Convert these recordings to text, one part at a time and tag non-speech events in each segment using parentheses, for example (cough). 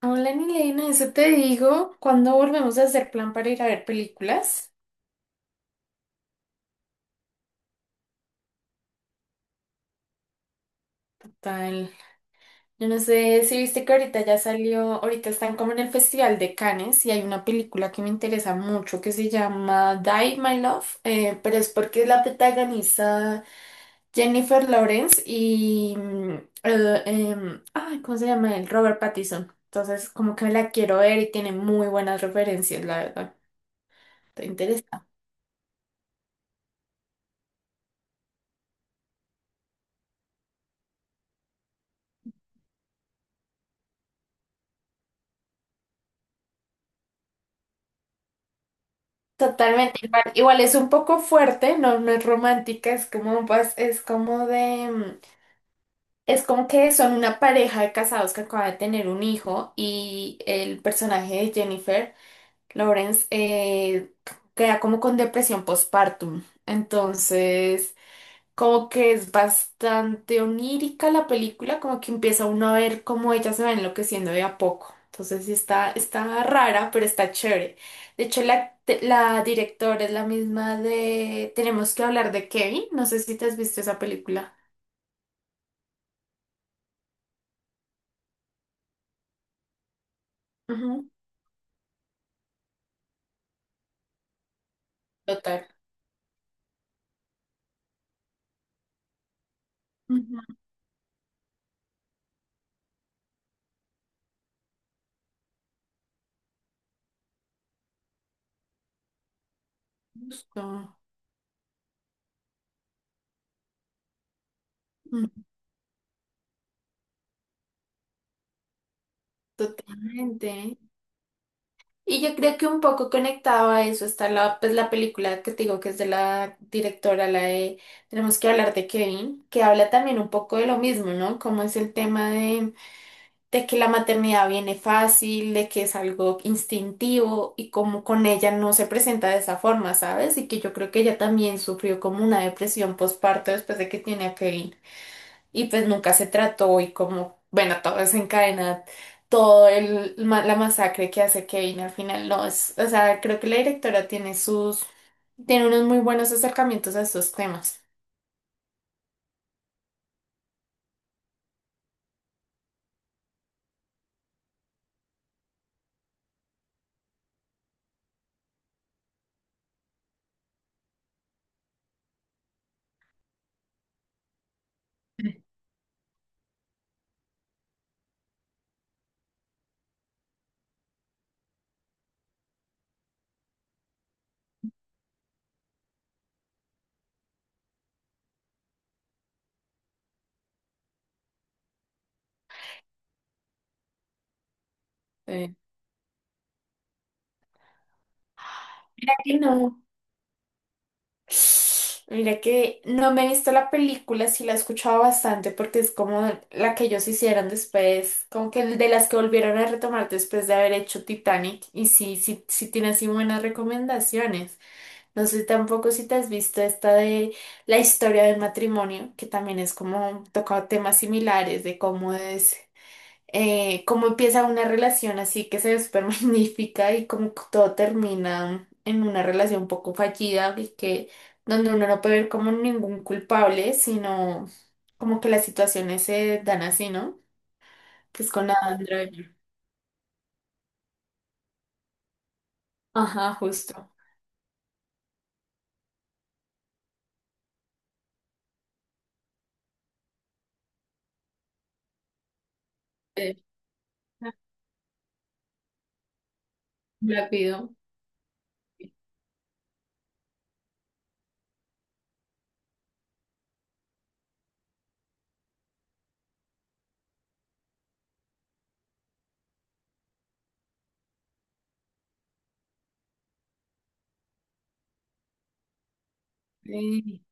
Hola, Nilena, eso te digo. ¿Cuándo volvemos a hacer plan para ir a ver películas? Tal. Yo no sé si viste que ahorita ya salió, ahorita están como en el Festival de Cannes y hay una película que me interesa mucho que se llama Die, My Love, pero es porque la protagoniza Jennifer Lawrence y ay, ¿cómo se llama él? Robert Pattinson. Entonces, como que me la quiero ver y tiene muy buenas referencias, la verdad. ¿Te interesa? Totalmente, igual, igual es un poco fuerte, no, no es romántica, es como, pues, es como es como que son una pareja de casados que acaba de tener un hijo y el personaje de Jennifer Lawrence queda como con depresión postpartum, entonces como que es bastante onírica la película, como que empieza uno a ver cómo ella se va enloqueciendo de a poco. Entonces sí está, está rara, pero está chévere. De hecho, la directora es la misma de Tenemos que hablar de Kevin. No sé si te has visto esa película. Ujú. Total. Ujú. Justo. Mm. Totalmente. Y yo creo que un poco conectado a eso está la, pues, la película que te digo que es de la directora, la de Tenemos que hablar de Kevin, que habla también un poco de lo mismo, ¿no? Como es el tema de que la maternidad viene fácil, de que es algo instintivo y como con ella no se presenta de esa forma, ¿sabes? Y que yo creo que ella también sufrió como una depresión postparto después de que tiene a Kevin y pues nunca se trató y, como, bueno, todo desencadena, la masacre que hace Kevin al final, no, es, o sea, creo que la directora tiene sus, tiene unos muy buenos acercamientos a estos temas. Sí. Y no. Mira que no me he visto la película, sí la he escuchado bastante porque es como la que ellos hicieron después, como que de las que volvieron a retomar después de haber hecho Titanic y sí, sí, sí tiene así buenas recomendaciones. No sé tampoco si te has visto esta de la historia del matrimonio, que también es como toca temas similares de cómo es, cómo empieza una relación así que se ve súper (laughs) magnífica y cómo todo termina en una relación un poco fallida y que donde uno no puede ver como ningún culpable, sino como que las situaciones se dan así, ¿no? Que es con Adam Driver. Ajá, justo. Eh, (laughs) Black Widow. Sí.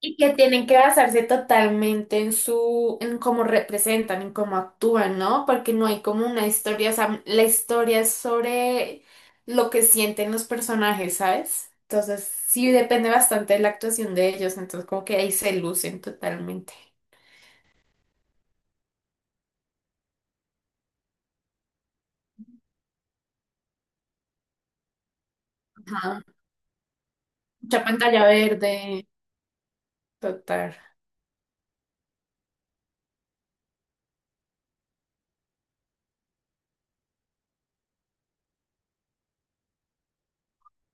Y que tienen que basarse totalmente en su, en cómo representan, en cómo actúan, ¿no? Porque no hay como una historia, o sea, la historia es sobre lo que sienten los personajes, ¿sabes? Entonces, sí depende bastante de la actuación de ellos, entonces como que ahí se lucen totalmente. Ajá. Mucha pantalla verde, total.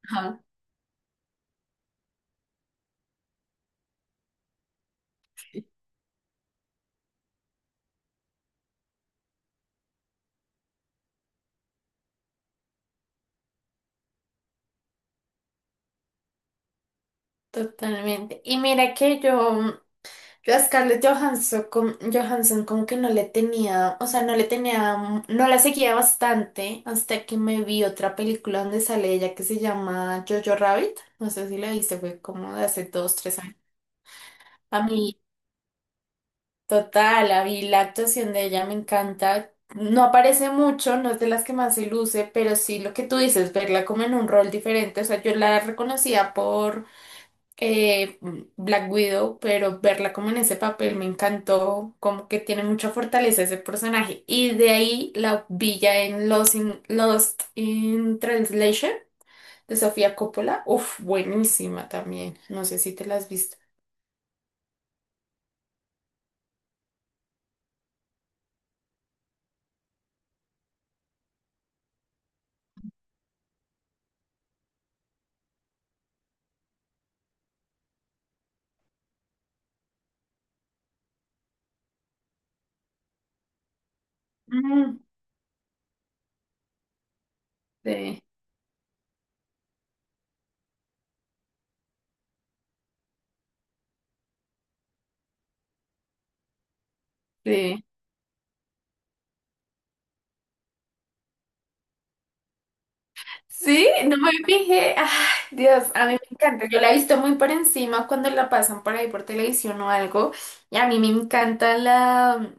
Ajá. Totalmente. Y mira que yo a Scarlett Johansson, Johansson como que no le tenía, o sea, no le tenía, no la seguía bastante hasta que me vi otra película donde sale ella que se llama Jojo Rabbit, no sé si la viste, fue como de hace dos, tres años. A mí, total, a mí la actuación de ella me encanta, no aparece mucho, no es de las que más se luce, pero sí lo que tú dices, verla como en un rol diferente, o sea, yo la reconocía por eh, Black Widow, pero verla como en ese papel me encantó, como que tiene mucha fortaleza ese personaje. Y de ahí la villa en Lost in Translation de Sofía Coppola, uf, buenísima también, no sé si te la has visto. Mm, sí, sí. Sí, no me fijé, ay, Dios, a mí me encanta, yo la he visto muy por encima cuando la pasan por ahí por televisión o algo, y a mí me encanta la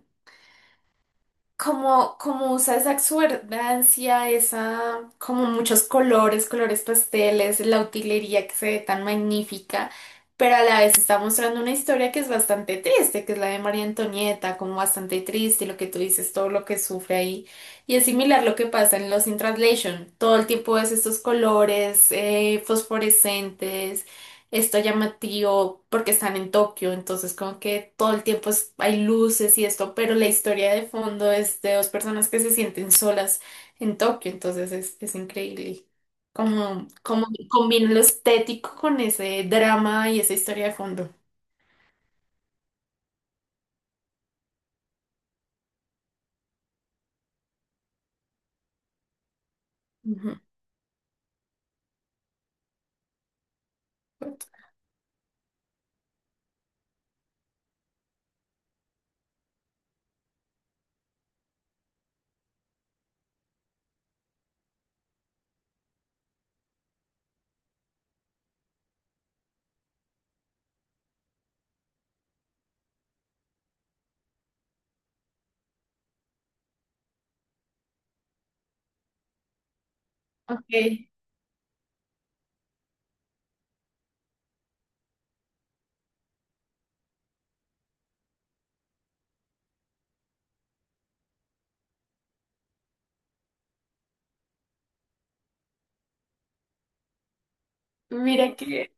como, como usa esa exuberdancia, esa, como muchos colores, colores pasteles, la utilería que se ve tan magnífica, pero a la vez está mostrando una historia que es bastante triste, que es la de María Antonieta, como bastante triste, y lo que tú dices, todo lo que sufre ahí. Y es similar lo que pasa en Los in Translation, todo el tiempo ves estos colores fosforescentes, está llamativo porque están en Tokio, entonces como que todo el tiempo hay luces y esto, pero la historia de fondo es de dos personas que se sienten solas en Tokio, entonces es increíble. Como, como combina lo estético con ese drama y esa historia de fondo. Ujú. Ok, mira que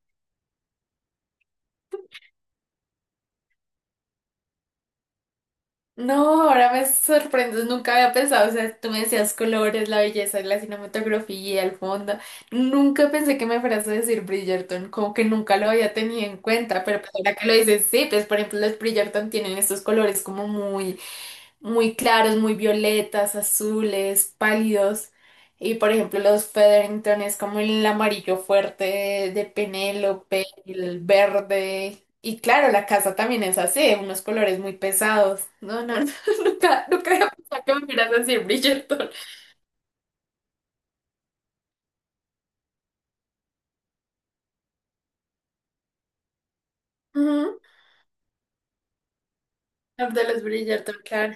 no, ahora me sorprendes, nunca había pensado, o sea, tú me decías colores, la belleza, la cinematografía, el fondo, nunca pensé que me fueras a decir Bridgerton, como que nunca lo había tenido en cuenta, pero pues ahora que lo dices, sí, pues por ejemplo los Bridgerton tienen estos colores como muy claros, muy violetas, azules, pálidos. Y por ejemplo, los Featherington es como el amarillo fuerte de Penélope, el verde. Y claro, la casa también es así, unos colores muy pesados. No, no, (laughs) no, nunca, nunca había pensado que me miras así, Bridgerton. Ujú, el De los Bridgerton, claro.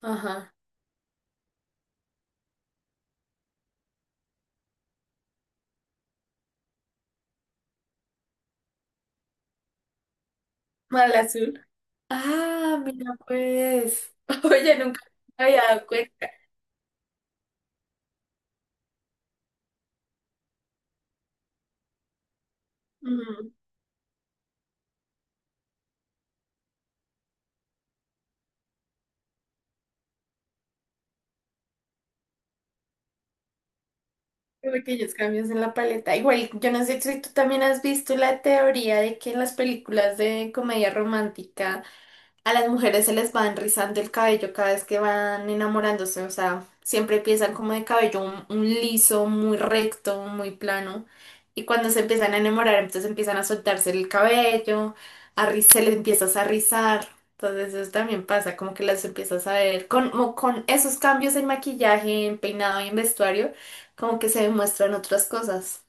Ajá. Mal azul. Ah, mira pues. (laughs) Oye, nunca me había dado cuenta. Ujú. Pequeños cambios en la paleta. Igual, yo no sé si tú también has visto la teoría de que en las películas de comedia romántica. A las mujeres se les va enrizando el cabello cada vez que van enamorándose, o sea, siempre empiezan como de cabello un liso, muy recto, muy plano, y cuando se empiezan a enamorar, entonces empiezan a soltarse el cabello, se les empiezas a rizar, entonces eso también pasa, como que las empiezas a ver, con, como con esos cambios en maquillaje, en peinado y en vestuario, como que se demuestran otras cosas.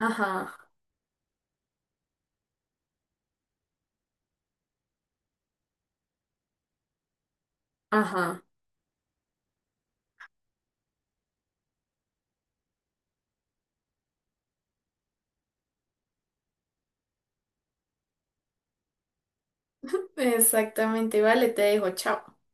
Ajá, ajá, exactamente, vale, te dejo, chao.